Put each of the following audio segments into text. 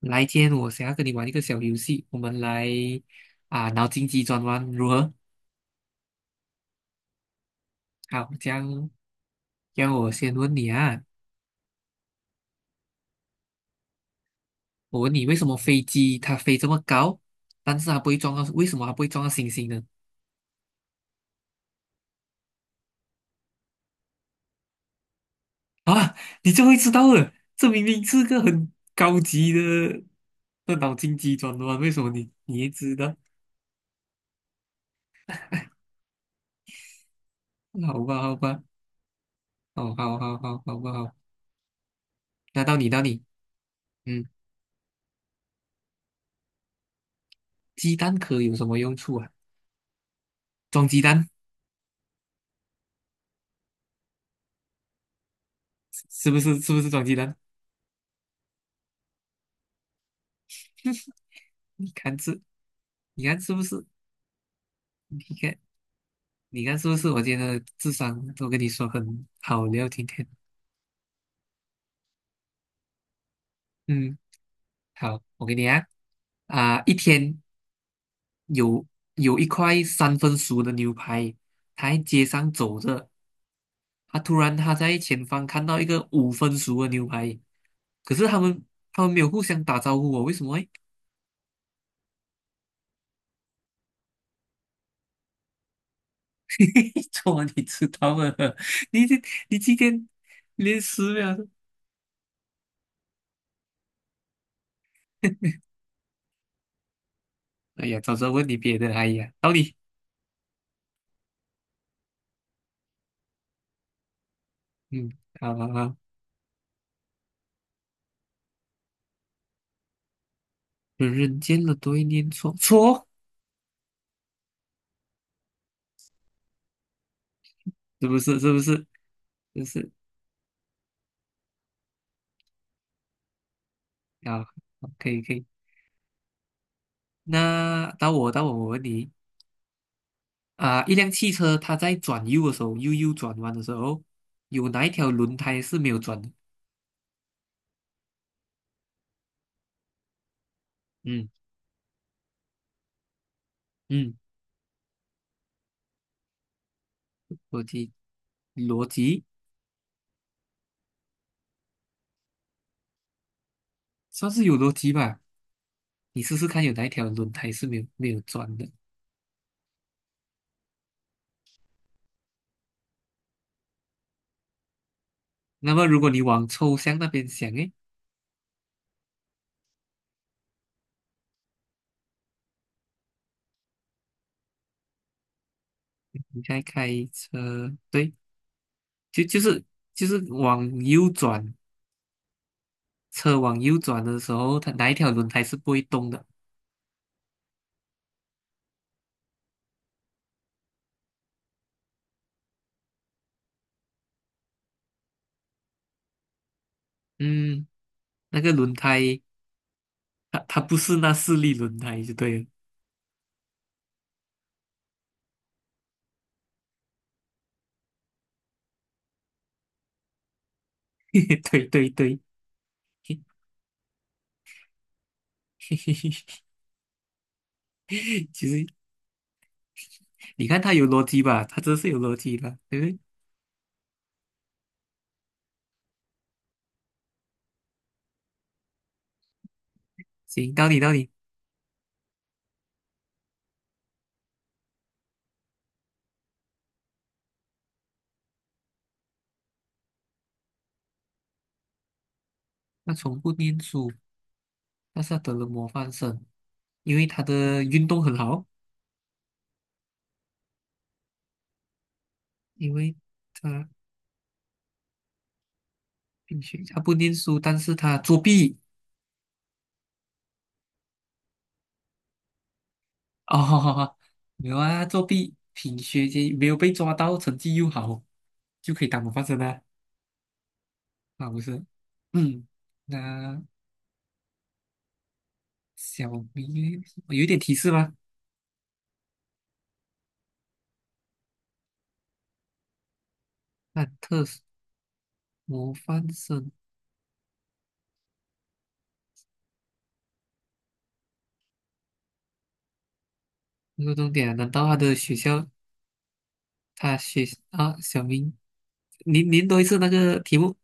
来，今天我想要跟你玩一个小游戏，我们来脑筋急转弯如何？好，这样让我先问你啊，我问你为什么飞机它飞这么高，但是它不会撞到，为什么它不会撞到星星呢？啊，你就会知道了，这明明是个很高级的脑筋急转弯，为什么你也知道？好吧，好吧，哦，好好好，好不好？那到你，嗯，鸡蛋壳有什么用处啊？装鸡蛋是不是？是不是装鸡蛋？你看这。你看是不是？你看，你看是不是？我今天的智商都跟你说很好聊，今天。嗯，好，我给你啊，啊，一天有有一块三分熟的牛排，他在街上走着，他突然在前方看到一个五分熟的牛排，可是他们他们没有互相打招呼哦，为什么诶？昨晚你知道吗？你这你今天连十秒都，哎呀，早知道问你别的，哎呀，到底？嗯，好好好。人人间的对念错错哦，是不是？是不是？就是啊，好可以可以。那到我，我问你啊，一辆汽车它在转右的时候，右转弯的时候，有哪一条轮胎是没有转的？嗯嗯，逻辑逻辑算是有逻辑吧。你试试看，有哪一条轮胎是没有转的？那么如果你往抽象那边想，诶，你在开车，对，就就是就是往右转。车往右转的时候，它哪一条轮胎是不会动的？嗯，那个轮胎，它不是那四粒轮胎就对了。对对对，其实你看它有逻辑吧，它真是有逻辑的。对不对？行，到底到底，那从不念书，但是他得了模范生，因为他的运动很好，因为他并且他不念书，但是他作弊，哦，没有啊，作弊品学兼优没有被抓到，成绩又好，就可以当模范生啊。啊，不是，嗯，那小明有一点提示吗？那特殊模范生这个重点啊难道他的学校，他学啊，小明，您您多一次那个题目，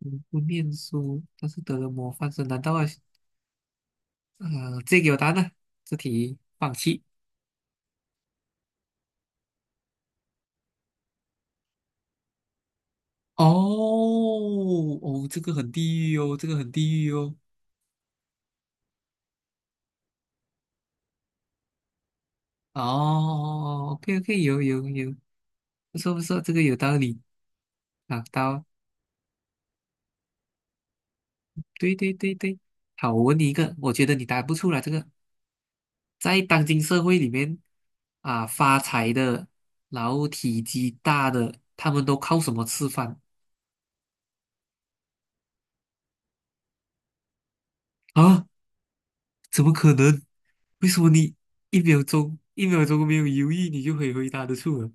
嗯不念书，但是得了模范生，难道啊，啊，这给我答案呢？这题放弃。哦哦，这个很地狱哦，这个很地狱哦。哦，OK OK,有有有，不错不错，这个有道理啊，到，对对对对，好，我问你一个，我觉得你答不出来这个，在当今社会里面啊，发财的，然后体积大的，他们都靠什么吃饭啊？怎么可能？为什么你一秒钟没有犹豫，你就可以回答得出啊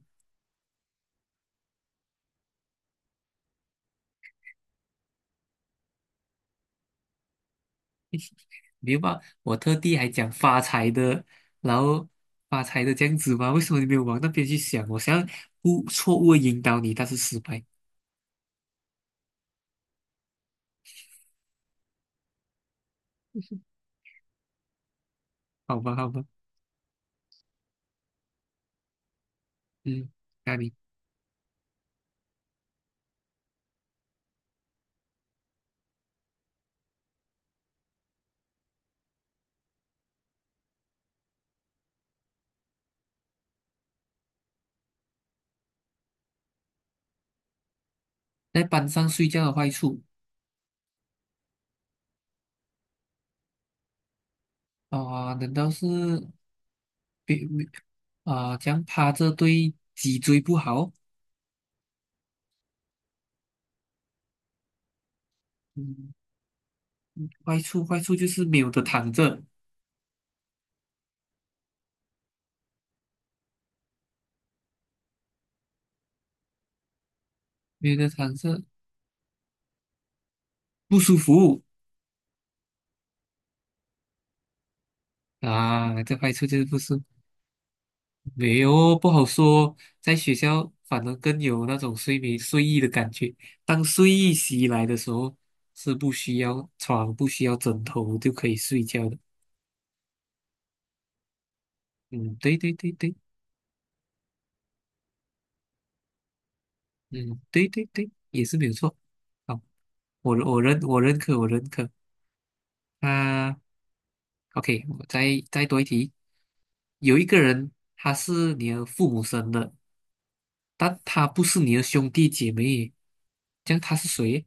没办法，我特地还讲发财的，然后发财的这样子吗？为什么你没有往那边去想？我想要错误地引导你，但是失败。好吧，好吧，嗯，那你在班上睡觉的坏处啊、难道是别啊、这样趴着对脊椎不好？嗯，坏处就是没有的躺着，没有的躺着不舒服啊，这坏处就是不舒服。没有，不好说。在学校反而更有那种睡意的感觉。当睡意袭来的时候，是不需要床、不需要枕头就可以睡觉的。嗯，对对对对，嗯，对对对，也是没有错。好，我认可我认可。啊，OK,我再多一题。有一个人，他是你的父母生的，但他不是你的兄弟姐妹，这样他是谁？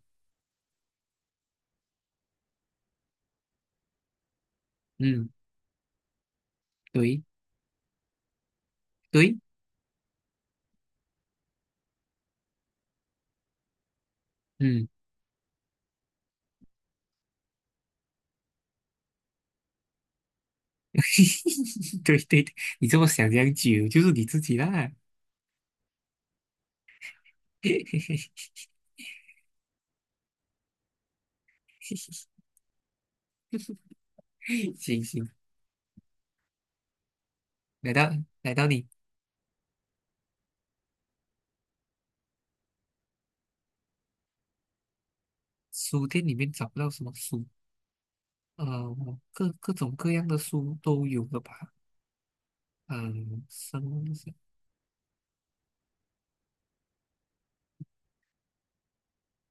嗯，对对，嗯。对对，对你这么想这样久就是你自己啦。行行，来到来到你书店里面找不到什么书，呃，我各种各样的书都有了吧？嗯、生东西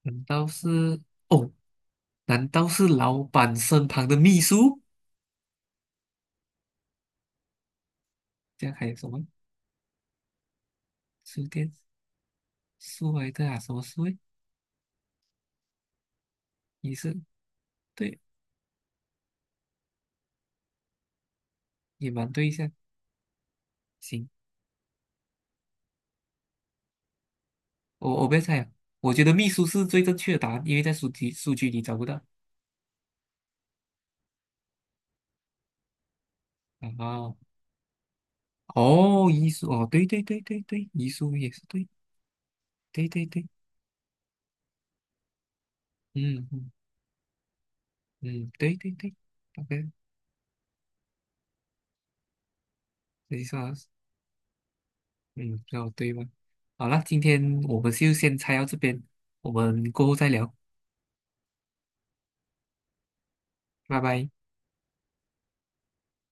难道是哦？难道是老板身旁的秘书？这样还有什么书店书来的啊？什么书诶？也是对，也蛮对象？行，我我不要猜了，我觉得秘书是最正确的答案，因为在书籍数据里找不到。啊。哦哦，遗书哦，对对对对对，遗书也是对，对对对，嗯嗯嗯，对对对，OK,没啥，嗯，比较对吧？好了，今天我们就先拆到这边，我们过后再聊，拜拜。